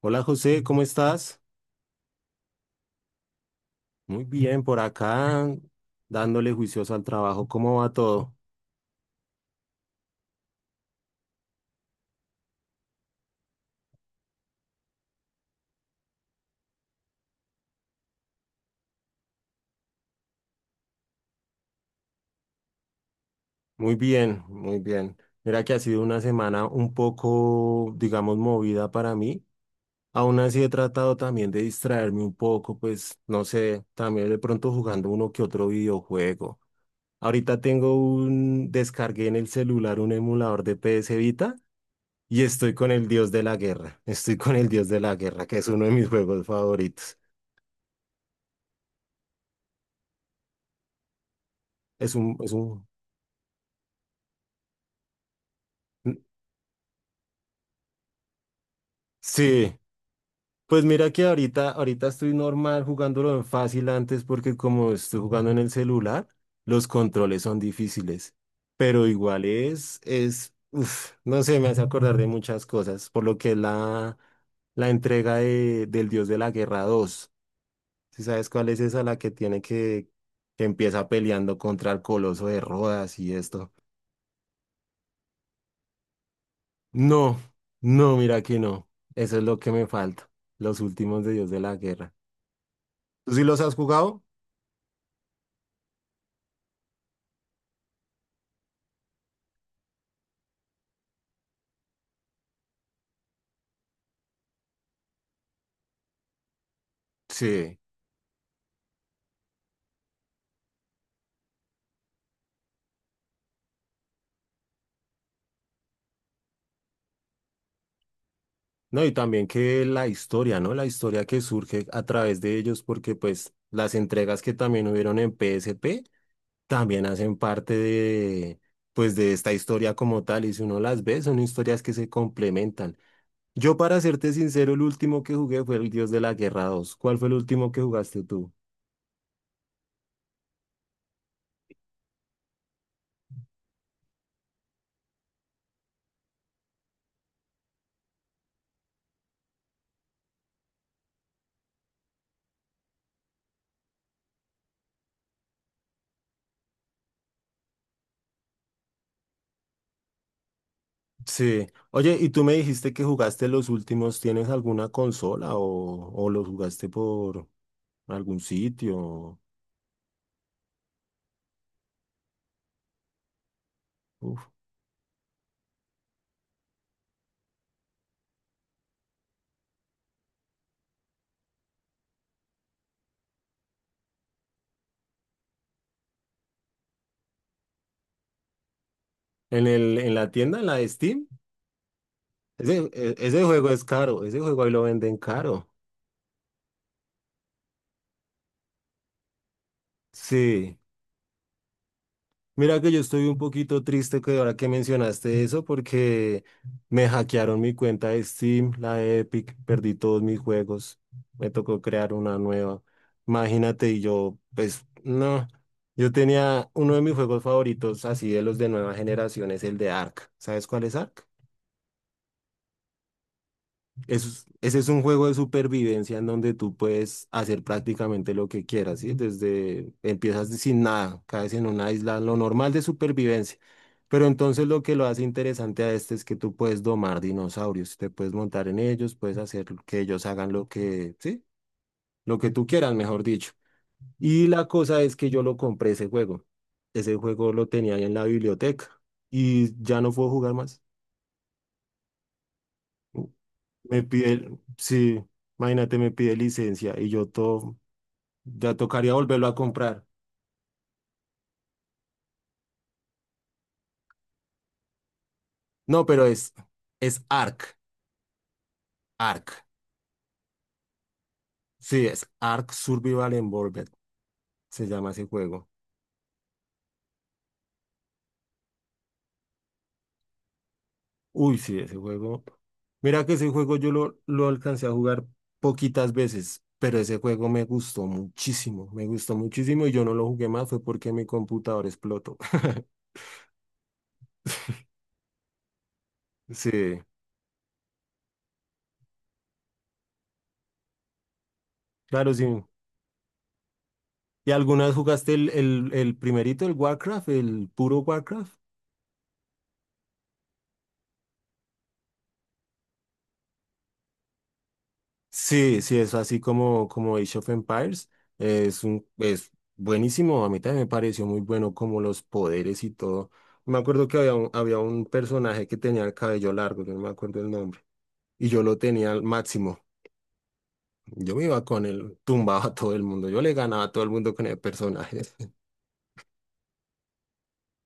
Hola José, ¿cómo estás? Muy bien, por acá dándole juicioso al trabajo. ¿Cómo va todo? Muy bien, muy bien. Mira que ha sido una semana un poco, digamos, movida para mí. Aún así he tratado también de distraerme un poco, pues no sé, también de pronto jugando uno que otro videojuego. Ahorita tengo descargué en el celular un emulador de PS Vita y estoy con el Dios de la Guerra. Estoy con el Dios de la Guerra, que es uno de mis juegos favoritos. Es un Sí, pues mira que ahorita estoy normal jugándolo en fácil antes porque como estoy jugando en el celular, los controles son difíciles. Pero igual es, no sé, me hace acordar de muchas cosas, por lo que es la entrega del Dios de la Guerra dos. ¿Si sabes cuál es esa? La que tiene que empieza peleando contra el Coloso de Rodas y esto. No, no, mira que no. Eso es lo que me falta, los últimos de Dios de la Guerra. ¿Tú sí los has jugado? Sí. No, y también que la historia, ¿no? La historia que surge a través de ellos, porque pues las entregas que también hubieron en P S P también hacen parte de, pues de esta historia como tal, y si uno las ve, son historias que se complementan. Yo, para serte sincero, el último que jugué fue el Dios de la Guerra 2. ¿Cuál fue el último que jugaste tú? Sí. Oye, y tú me dijiste que jugaste los últimos, ¿tienes alguna consola o los jugaste por algún sitio? Uf. En en la tienda, en la de Steam, ese juego es caro, ese juego ahí lo venden caro. Sí, mira que yo estoy un poquito triste que ahora que mencionaste eso porque me hackearon mi cuenta de Steam, la de Epic, perdí todos mis juegos, me tocó crear una nueva. Imagínate, y yo, pues no, yo tenía uno de mis juegos favoritos, así de los de nueva generación, es el de Ark. ¿Sabes cuál es Ark? Ese es un juego de supervivencia en donde tú puedes hacer prácticamente lo que quieras, ¿sí? Desde empiezas sin nada, caes en una isla, lo normal de supervivencia. Pero entonces lo que lo hace interesante a este es que tú puedes domar dinosaurios, te puedes montar en ellos, puedes hacer que ellos hagan lo que, sí, lo que tú quieras, mejor dicho. Y la cosa es que yo lo compré ese juego. Ese juego lo tenía ahí en la biblioteca y ya no puedo jugar más. Me pide, sí. Imagínate, me pide licencia y yo todo. Ya tocaría volverlo a comprar. No, pero es Ark. Ark. Sí, es Ark Survival Involved. Se llama ese juego. Uy, sí, ese juego. Mira que ese juego yo lo alcancé a jugar poquitas veces, pero ese juego me gustó muchísimo. Me gustó muchísimo y yo no lo jugué más, fue porque mi computador explotó. Sí, claro, sí. ¿Y alguna vez jugaste el primerito, el Warcraft, el puro Warcraft? Sí, sí, es así como, como Age of Empires. Es buenísimo. A mí también me pareció muy bueno como los poderes y todo. Me acuerdo que había un personaje que tenía el cabello largo, yo no me acuerdo el nombre. Y yo lo tenía al máximo. Yo me iba con él, tumbaba a todo el mundo. Yo le ganaba a todo el mundo con el personaje.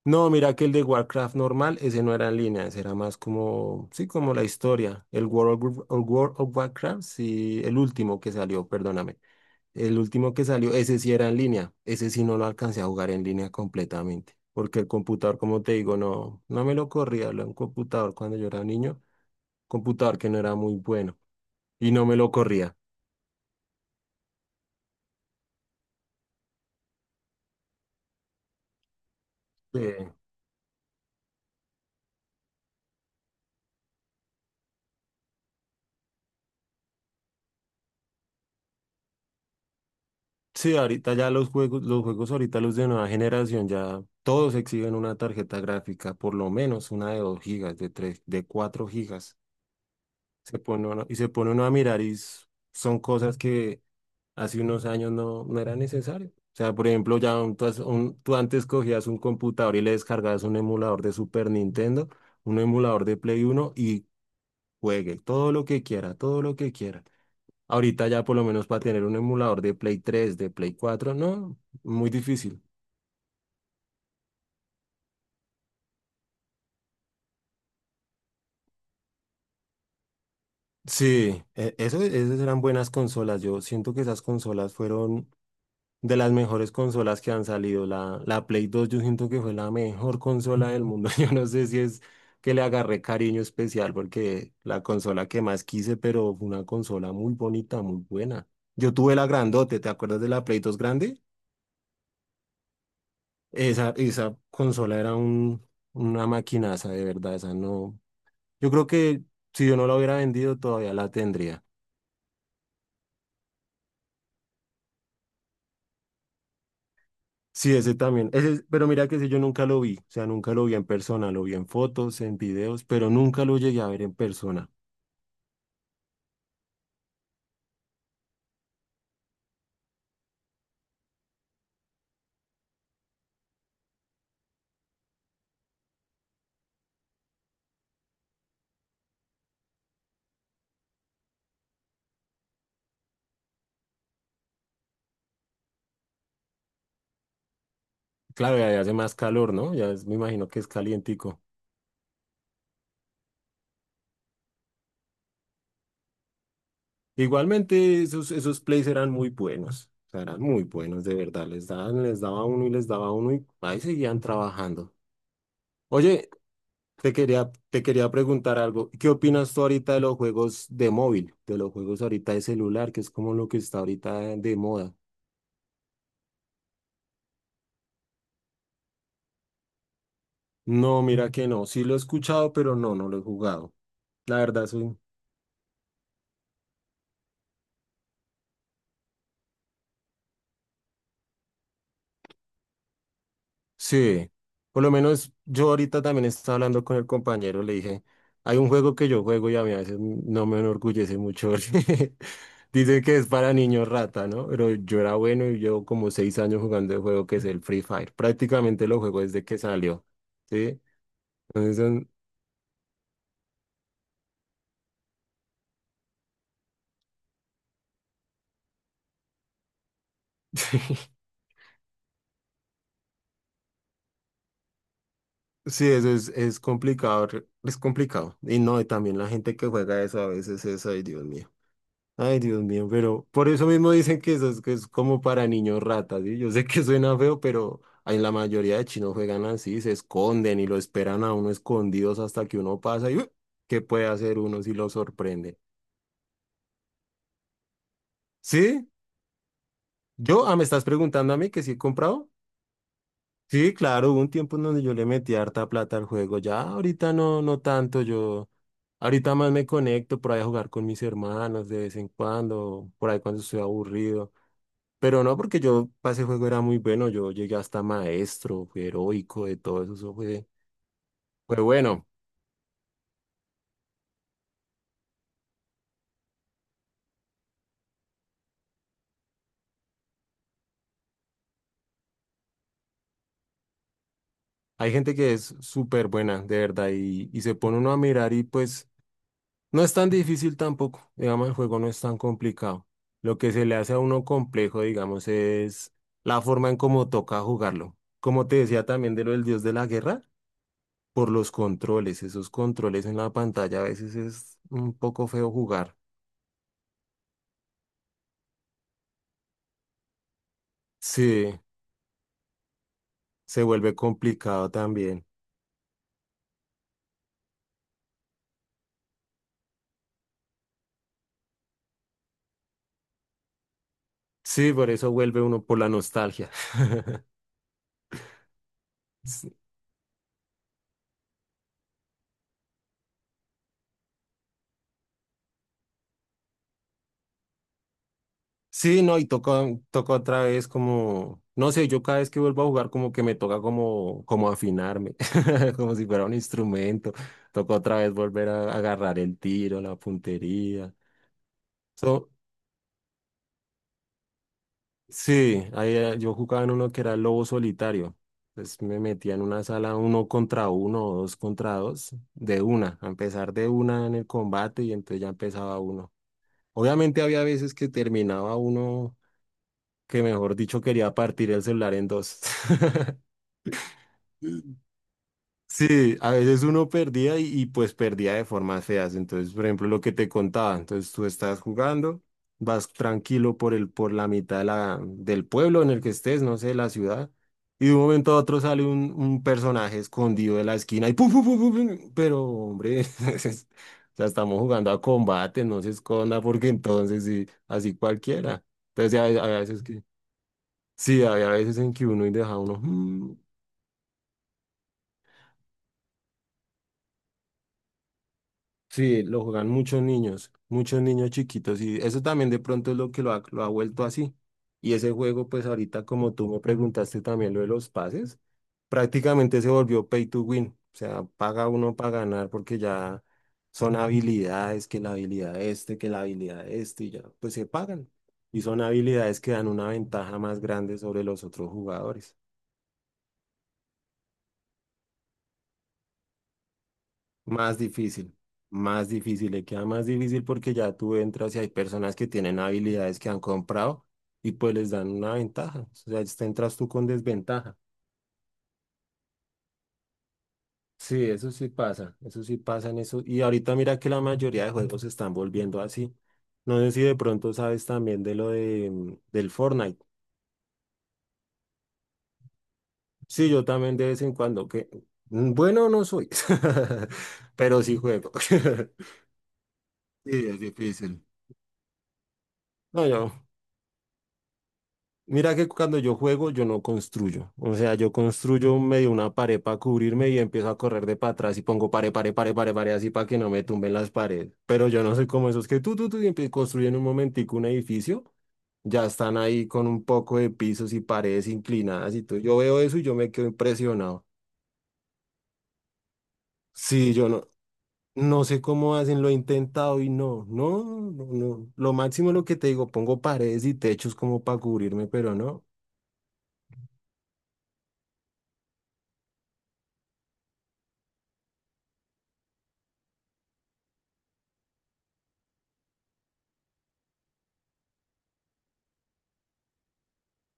No, mira que el de Warcraft normal, ese no era en línea, ese era más como, sí, como la historia. El World of Warcraft, sí, el último que salió, perdóname. El último que salió, ese sí era en línea. Ese sí no lo alcancé a jugar en línea completamente. Porque el computador, como te digo, no, no me lo corría. Era un computador cuando yo era niño. Computador que no era muy bueno. Y no me lo corría. Eh, sí, ahorita ya los juegos ahorita los de nueva generación ya todos exigen una tarjeta gráfica, por lo menos una de 2 gigas, de 3, de 4 gigas. Se pone uno a mirar y son cosas que hace unos años no, no era necesario. O sea, por ejemplo, tú antes cogías un computador y le descargabas un emulador de Super Nintendo, un emulador de Play Uno y juegue todo lo que quiera, todo lo que quiera. Ahorita ya por lo menos para tener un emulador de Play tres de Play cuatro no, muy difícil. Sí, eso, esas eran buenas consolas. Yo siento que esas consolas fueron de las mejores consolas que han salido, la Play 2 yo siento que fue la mejor consola del mundo. Yo no sé si es que le agarré cariño especial porque la consola que más quise, pero fue una consola muy bonita, muy buena. Yo tuve la grandote, ¿te acuerdas de la Play 2 grande? Esa consola era una maquinaza, de verdad, esa no. Yo creo que si yo no la hubiera vendido todavía la tendría. Sí, ese también. Ese, pero mira que ese yo nunca lo vi, o sea, nunca lo vi en persona, lo vi en fotos, en videos, pero nunca lo llegué a ver en persona. Claro, ya, ya hace más calor, ¿no? Me imagino que es calientico. Igualmente, esos plays eran muy buenos, o sea, eran muy buenos, de verdad. Les daban, les daba uno y les daba uno y ahí seguían trabajando. Oye, te quería preguntar algo. ¿Qué opinas tú ahorita de los juegos de móvil, de los juegos ahorita de celular, que es como lo que está ahorita de moda? No, mira que no. Sí lo he escuchado, pero no, no lo he jugado. La verdad, soy... Sí. Por lo menos yo ahorita también estaba hablando con el compañero, le dije, hay un juego que yo juego y a mí a veces no me enorgullece mucho. Porque dicen que es para niños rata, ¿no? Pero yo era bueno y llevo como seis años jugando el juego que es el Free Fire. Prácticamente lo juego desde que salió, ¿sí? Entonces, son- sí, eso es complicado, es complicado. Y no, y también la gente que juega eso a veces es, ay, Dios mío. Ay, Dios mío, pero por eso mismo dicen que eso es, que es como para niños ratas, ¿sí? Yo sé que suena feo, pero en la mayoría de chinos juegan así, se esconden y lo esperan a uno escondidos hasta que uno pasa y ¡uh! ¿Qué puede hacer uno si lo sorprende? ¿Sí? ¿Yo? Ah, ¿me estás preguntando a mí que sí he comprado? Sí, claro, hubo un tiempo en donde yo le metí harta plata al juego, ya ahorita no, no tanto, yo ahorita más me conecto por ahí a jugar con mis hermanos de vez en cuando, por ahí cuando estoy aburrido. Pero no, porque yo para ese juego era muy bueno, yo llegué hasta maestro, fui heroico, de todo eso, eso fue, fue bueno. Hay gente que es súper buena, de verdad, y se pone uno a mirar y pues no es tan difícil tampoco, digamos, el juego no es tan complicado. Lo que se le hace a uno complejo, digamos, es la forma en cómo toca jugarlo. Como te decía también de lo del dios de la guerra, por los controles, esos controles en la pantalla a veces es un poco feo jugar. Sí, se vuelve complicado también. Sí, por eso vuelve uno por la nostalgia. Sí, sí, no, y toca otra vez como, no sé, yo cada vez que vuelvo a jugar como que me toca como, como afinarme, como si fuera un instrumento. Toca otra vez volver a agarrar el tiro, la puntería. So, sí, ahí, yo jugaba en uno que era lobo solitario. Entonces me metía en una sala uno contra uno o dos contra dos, de una, a empezar de una en el combate y entonces ya empezaba uno. Obviamente había veces que terminaba uno que, mejor dicho, quería partir el celular en dos. Sí, a veces uno perdía pues perdía de formas feas. Entonces, por ejemplo, lo que te contaba, entonces tú estás jugando, vas tranquilo por por la mitad de del pueblo en el que estés, no sé, la ciudad, y de un momento a otro sale un personaje escondido de la esquina y pum, pum, pum, pum, pum, pero hombre, entonces, o sea, estamos jugando a combate, no se esconda porque entonces sí, así cualquiera. Entonces, a veces que, sí, había veces en que uno y deja uno. "Mm, sí, lo juegan muchos niños chiquitos y eso también de pronto es lo que lo ha vuelto así. Y ese juego, pues ahorita como tú me preguntaste también lo de los pases, prácticamente se volvió pay to win, o sea, paga uno para ganar porque ya son habilidades, que la habilidad este, que la habilidad este, y ya, pues se pagan. Y son habilidades que dan una ventaja más grande sobre los otros jugadores. Más difícil, más difícil, le queda más difícil porque ya tú entras y hay personas que tienen habilidades que han comprado y pues les dan una ventaja. O sea, te entras tú con desventaja. Sí, eso sí pasa en eso. Y ahorita mira que la mayoría de juegos se están volviendo así. No sé si de pronto sabes también de lo de, del Fortnite. Sí, yo también de vez en cuando, que bueno no soy, pero sí juego. Sí, es difícil. No, yo. Mira que cuando yo juego, yo no construyo. O sea, yo construyo un medio una pared para cubrirme y empiezo a correr de para atrás y pongo pared, pared, pared, pared, pared, así para que no me tumben las paredes. Pero yo no soy como esos que tú, y construyen un momentico un edificio. Ya están ahí con un poco de pisos y paredes inclinadas y todo. Yo veo eso y yo me quedo impresionado. Sí, yo no, no sé cómo hacen, lo he intentado y no. Lo máximo es lo que te digo, pongo paredes y techos como para cubrirme, pero no.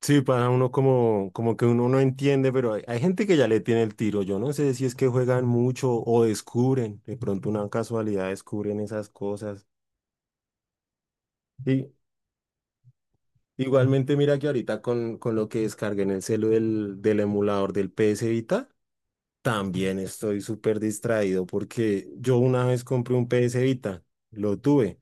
Sí, para uno como, como que uno no entiende, pero hay gente que ya le tiene el tiro. Yo no sé si es que juegan mucho o descubren, de pronto una casualidad descubren esas cosas. Y igualmente mira que ahorita con lo que descargué en el celu del emulador del PS Vita, también estoy súper distraído porque yo una vez compré un PS Vita, lo tuve,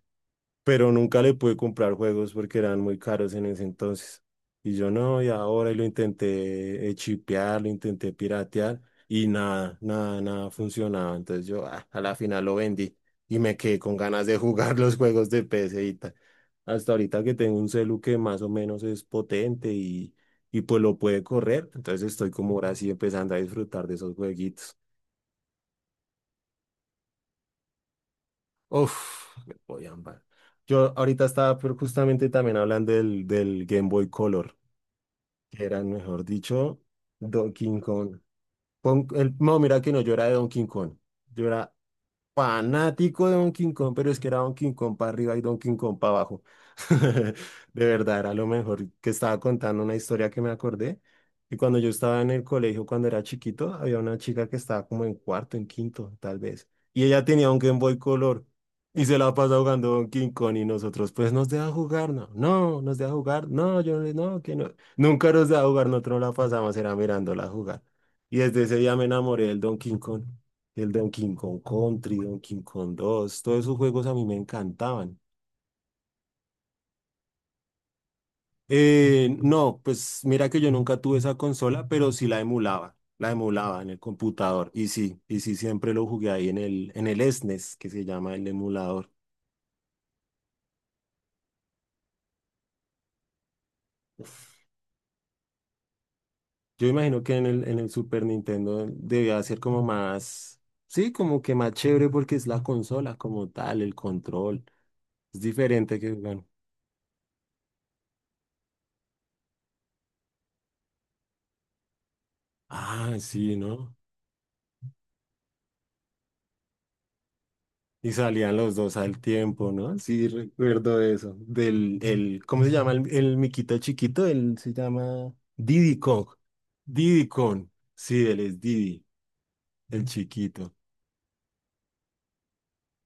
pero nunca le pude comprar juegos porque eran muy caros en ese entonces. Y yo no, y ahora y lo intenté chipear, lo intenté piratear y nada funcionaba. Entonces yo a la final lo vendí y me quedé con ganas de jugar los juegos de PC y tal. Hasta ahorita que tengo un celu que más o menos es potente y pues lo puede correr. Entonces estoy como ahora sí empezando a disfrutar de esos jueguitos. Uf, el Boy and Band. Yo ahorita estaba pero justamente también hablando del Game Boy Color, que eran, mejor dicho, Donkey Kong. El, no, mira que no, yo era de Donkey Kong. Yo era fanático de Donkey Kong, pero es que era Donkey Kong para arriba y Donkey Kong para abajo. De verdad, era lo mejor. Que estaba contando una historia que me acordé. Y cuando yo estaba en el colegio, cuando era chiquito, había una chica que estaba como en cuarto, en quinto, tal vez. Y ella tenía un Game Boy Color y se la pasa jugando Donkey Kong y nosotros, pues nos deja jugar, nos deja jugar, no, yo que no. Nunca nos deja jugar, nosotros la pasamos, era mirándola jugar. Y desde ese día me enamoré del Donkey Kong, el Donkey Kong Country, Donkey Kong 2, todos esos juegos a mí me encantaban. No, pues mira que yo nunca tuve esa consola, pero sí la emulaba en el computador. Y sí siempre lo jugué ahí en el SNES, que se llama el emulador. Yo imagino que en el Super Nintendo debía ser como más, sí, como que más chévere porque es la consola como tal, el control. Es diferente que, bueno, ah, sí, ¿no? Y salían los dos al tiempo, ¿no? Sí, recuerdo eso. Del, el, ¿cómo se llama el miquito chiquito? Él se llama Diddy Kong. Diddy Kong. Sí, él es Diddy, el chiquito.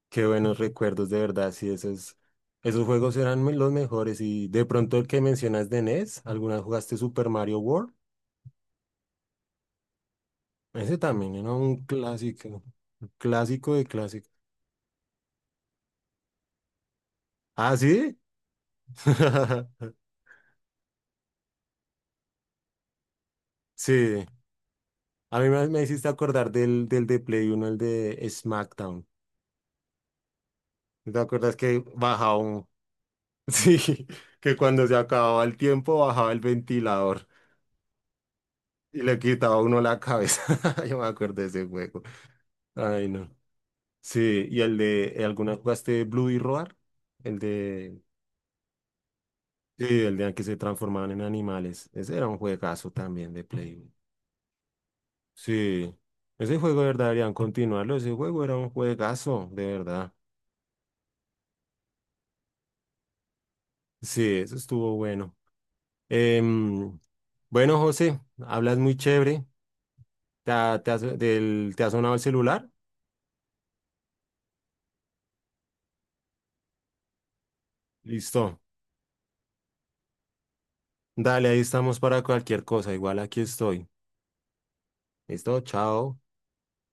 Qué buenos recuerdos, de verdad. Sí, esos, esos juegos eran los mejores. Y de pronto el que mencionas de NES, ¿alguna vez jugaste Super Mario World? Ese también era un clásico. Un clásico de clásico. ¿Ah, sí? Sí. A mí me hiciste acordar del de Play uno, el de SmackDown. ¿No? ¿Te acuerdas que bajaba un... Sí, que cuando se acababa el tiempo bajaba el ventilador y le quitaba a uno la cabeza. Yo me acuerdo de ese juego. Ay, no. Sí, y el de... ¿alguna jugaste Blue y Roar? El de... Sí, el de que se transformaban en animales. Ese era un juegazo también de Play 1. Sí. Ese juego de verdad deberían continuarlo. Ese juego era un juegazo, de verdad. Sí, eso estuvo bueno. Em, bueno, José, hablas muy chévere. ¿Te ha, te has- del- te ha sonado el celular? Listo. Dale, ahí estamos para cualquier cosa. Igual aquí estoy. Listo, chao.